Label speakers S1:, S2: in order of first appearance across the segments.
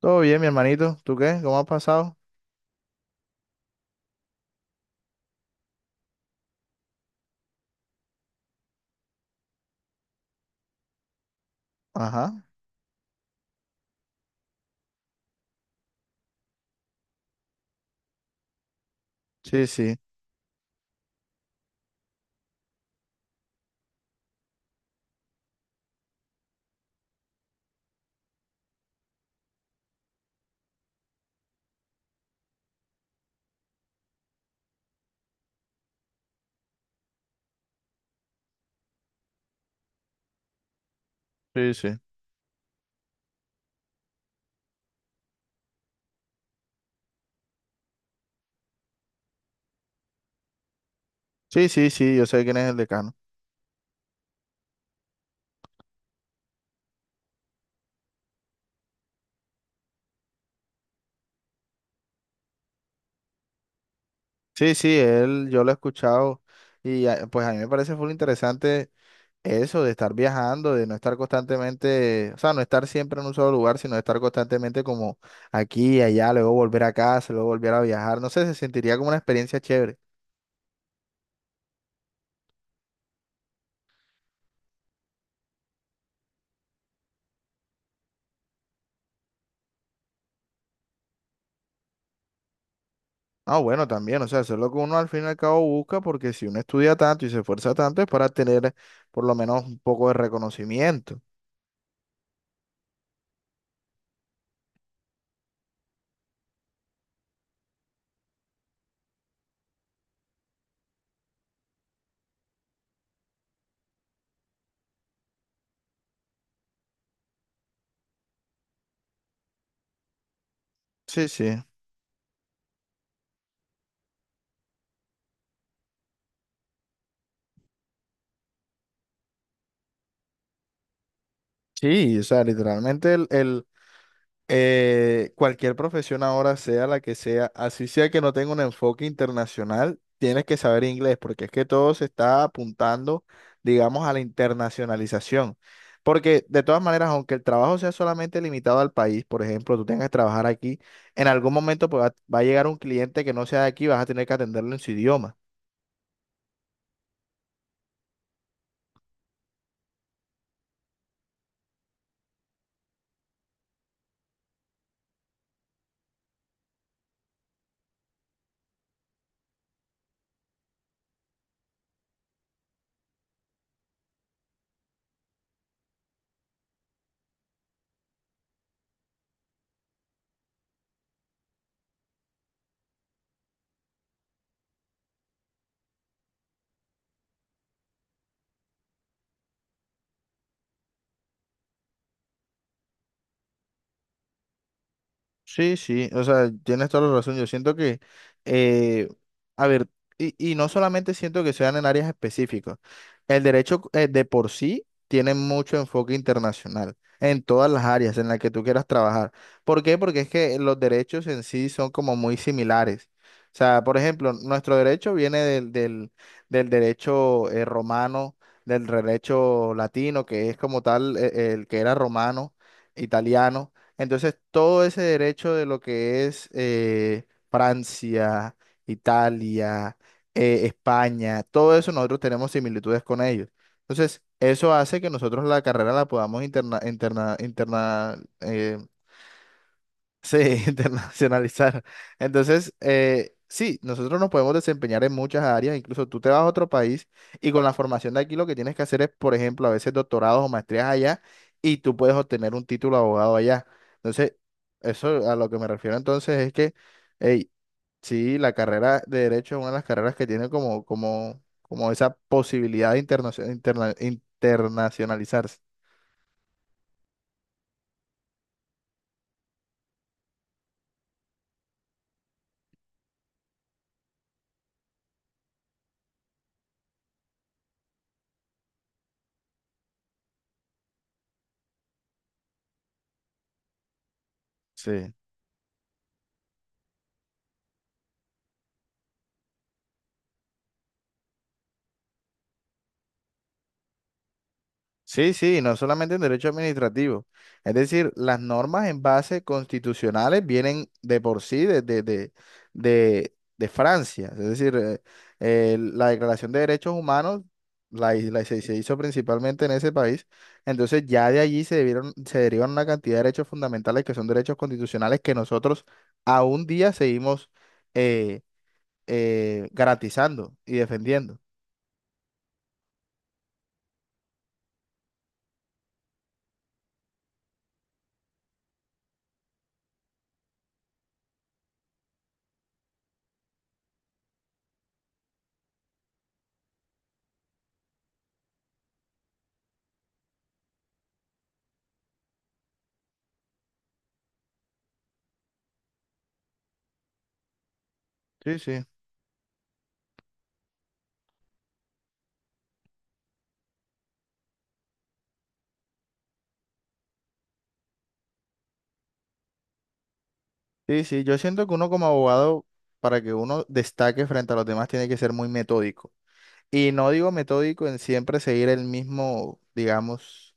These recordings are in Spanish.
S1: Todo bien, mi hermanito. ¿Tú qué? ¿Cómo has pasado? Ajá. Sí, sí. Sí, sí. Sí, sí, sí. Yo sé quién es el decano. Sí, sí, él, yo lo he escuchado. Pues a mí me parece full interesante eso de estar viajando, de no estar constantemente, o sea, no estar siempre en un solo lugar, sino estar constantemente como aquí, allá, luego volver a casa, luego volver a viajar. No sé, se sentiría como una experiencia chévere. Ah, bueno, también, o sea, eso es lo que uno al fin y al cabo busca, porque si uno estudia tanto y se esfuerza tanto es para tener por lo menos un poco de reconocimiento. Sí, sí. Sí, o sea, literalmente cualquier profesión ahora, sea la que sea, así sea que no tenga un enfoque internacional, tienes que saber inglés, porque es que todo se está apuntando, digamos, a la internacionalización. Porque de todas maneras, aunque el trabajo sea solamente limitado al país, por ejemplo, tú tengas que trabajar aquí, en algún momento pues, va a llegar un cliente que no sea de aquí, vas a tener que atenderlo en su idioma. Sí, sí, o sea, tienes toda la razón. Yo siento que, eh, a ver, y no solamente siento que sean en áreas específicas. El derecho de por sí tiene mucho enfoque internacional en todas las áreas en las que tú quieras trabajar. ¿Por qué? Porque es que los derechos en sí son como muy similares. O sea, por ejemplo, nuestro derecho viene del derecho romano, del derecho latino, que es como tal el que era romano, italiano. Entonces, todo ese derecho de lo que es Francia, Italia, España, todo eso nosotros tenemos similitudes con ellos. Entonces, eso hace que nosotros la carrera la podamos Sí, internacionalizar. Entonces, sí, nosotros nos podemos desempeñar en muchas áreas, incluso tú te vas a otro país y con la formación de aquí lo que tienes que hacer es, por ejemplo, a veces doctorados o maestrías allá y tú puedes obtener un título de abogado allá. Entonces, eso a lo que me refiero entonces es que, hey, sí, la carrera de derecho es una de las carreras que tiene como esa posibilidad de internacionalizarse. Sí. Sí, sí, no solamente en derecho administrativo. Es decir, las normas en base constitucionales vienen de por sí de Francia. Es decir, la Declaración de Derechos Humanos la, hi- la se, se hizo principalmente en ese país. Entonces ya de allí se derivan una cantidad de derechos fundamentales que son derechos constitucionales que nosotros a un día seguimos eh, garantizando y defendiendo. Sí, sí. Sí, sí, yo siento que uno como abogado, para que uno destaque frente a los demás, tiene que ser muy metódico. Y no digo metódico en siempre seguir el mismo, digamos,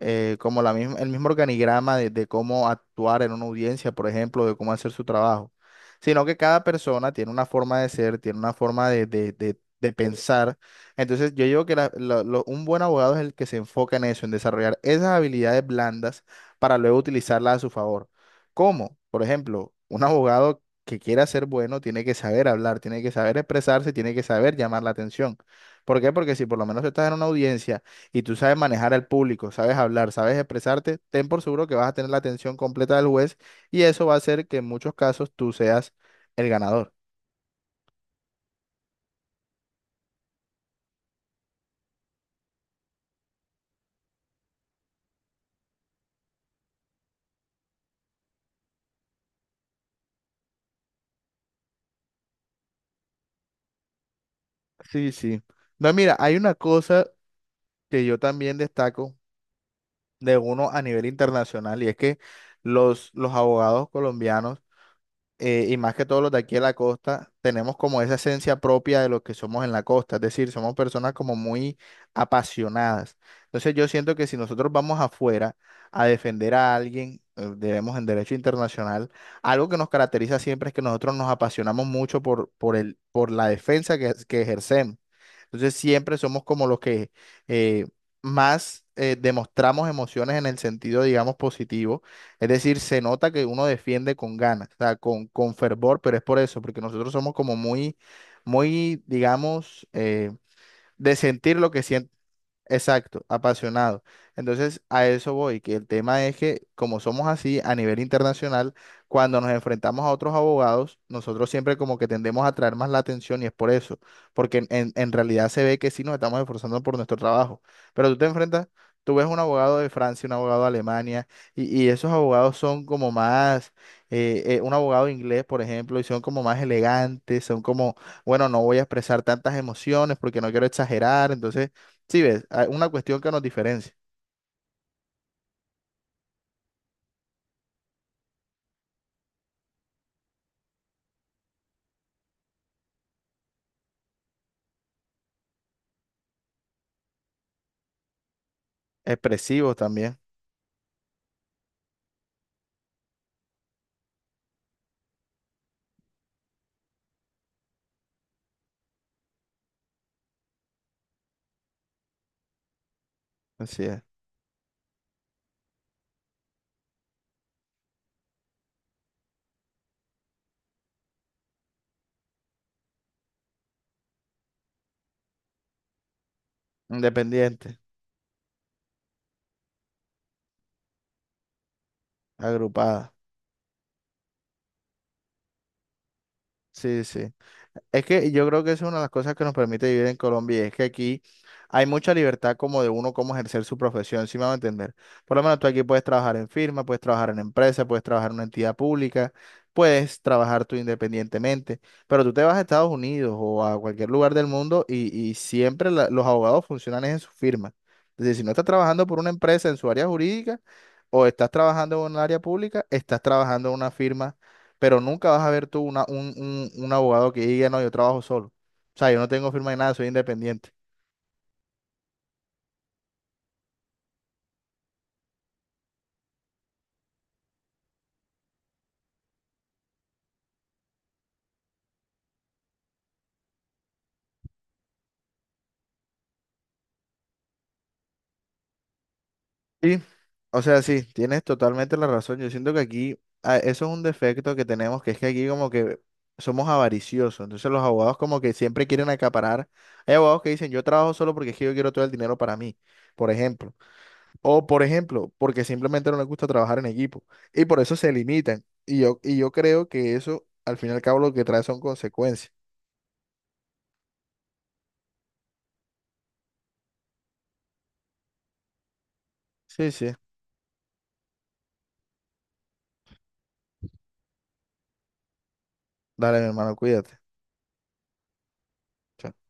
S1: como la misma, el mismo organigrama de cómo actuar en una audiencia, por ejemplo, de cómo hacer su trabajo, sino que cada persona tiene una forma de ser, tiene una forma de pensar. Entonces, yo digo que un buen abogado es el que se enfoca en eso, en desarrollar esas habilidades blandas para luego utilizarlas a su favor. ¿Cómo? Por ejemplo, un abogado que quiera ser bueno tiene que saber hablar, tiene que saber expresarse, tiene que saber llamar la atención. ¿Por qué? Porque si por lo menos estás en una audiencia y tú sabes manejar al público, sabes hablar, sabes expresarte, ten por seguro que vas a tener la atención completa del juez y eso va a hacer que en muchos casos tú seas el ganador. Sí, sí. No, mira, hay una cosa que yo también destaco de uno a nivel internacional y es que los abogados colombianos y más que todos los de aquí de la costa, tenemos como esa esencia propia de lo que somos en la costa, es decir, somos personas como muy apasionadas. Entonces yo siento que si nosotros vamos afuera a defender a alguien, debemos en derecho internacional, algo que nos caracteriza siempre es que nosotros nos apasionamos mucho por por la defensa que ejercemos. Entonces siempre somos como los que eh, más demostramos emociones en el sentido, digamos, positivo, es decir, se nota que uno defiende con ganas, o sea, con fervor, pero es por eso, porque nosotros somos como muy, muy, digamos, de sentir lo que siente. Exacto, apasionado. Entonces, a eso voy, que el tema es que como somos así a nivel internacional, cuando nos enfrentamos a otros abogados, nosotros siempre como que tendemos a atraer más la atención y es por eso, porque en realidad se ve que sí nos estamos esforzando por nuestro trabajo, pero tú te enfrentas, tú ves un abogado de Francia, un abogado de Alemania, y esos abogados son como más, un abogado inglés, por ejemplo, y son como más elegantes, son como, bueno, no voy a expresar tantas emociones porque no quiero exagerar, entonces sí, ves, hay una cuestión que nos diferencia. Expresivos también. Así es. Independiente. Agrupada. Sí, sí. Es que yo creo que esa es una de las cosas que nos permite vivir en Colombia y es que aquí hay mucha libertad como de uno cómo ejercer su profesión, si me van a entender. Por lo menos tú aquí puedes trabajar en firma, puedes trabajar en empresa, puedes trabajar en una entidad pública, puedes trabajar tú independientemente, pero tú te vas a Estados Unidos o a cualquier lugar del mundo y siempre los abogados funcionan es en su firma. Es decir, si no estás trabajando por una empresa en su área jurídica o estás trabajando en un área pública, estás trabajando en una firma, pero nunca vas a ver tú un abogado que diga, no, yo trabajo solo. O sea, yo no tengo firma de nada, soy independiente. Sí, o sea, sí, tienes totalmente la razón. Yo siento que aquí, ah, eso es un defecto que tenemos, que es que aquí como que somos avariciosos. Entonces los abogados como que siempre quieren acaparar. Hay abogados que dicen, yo trabajo solo porque es que yo quiero todo el dinero para mí, por ejemplo. O, por ejemplo, porque simplemente no les gusta trabajar en equipo. Y por eso se limitan. Y yo creo que eso, al fin y al cabo, lo que trae son consecuencias. Sí, sí. Dale, mi hermano, cuídate. Chao.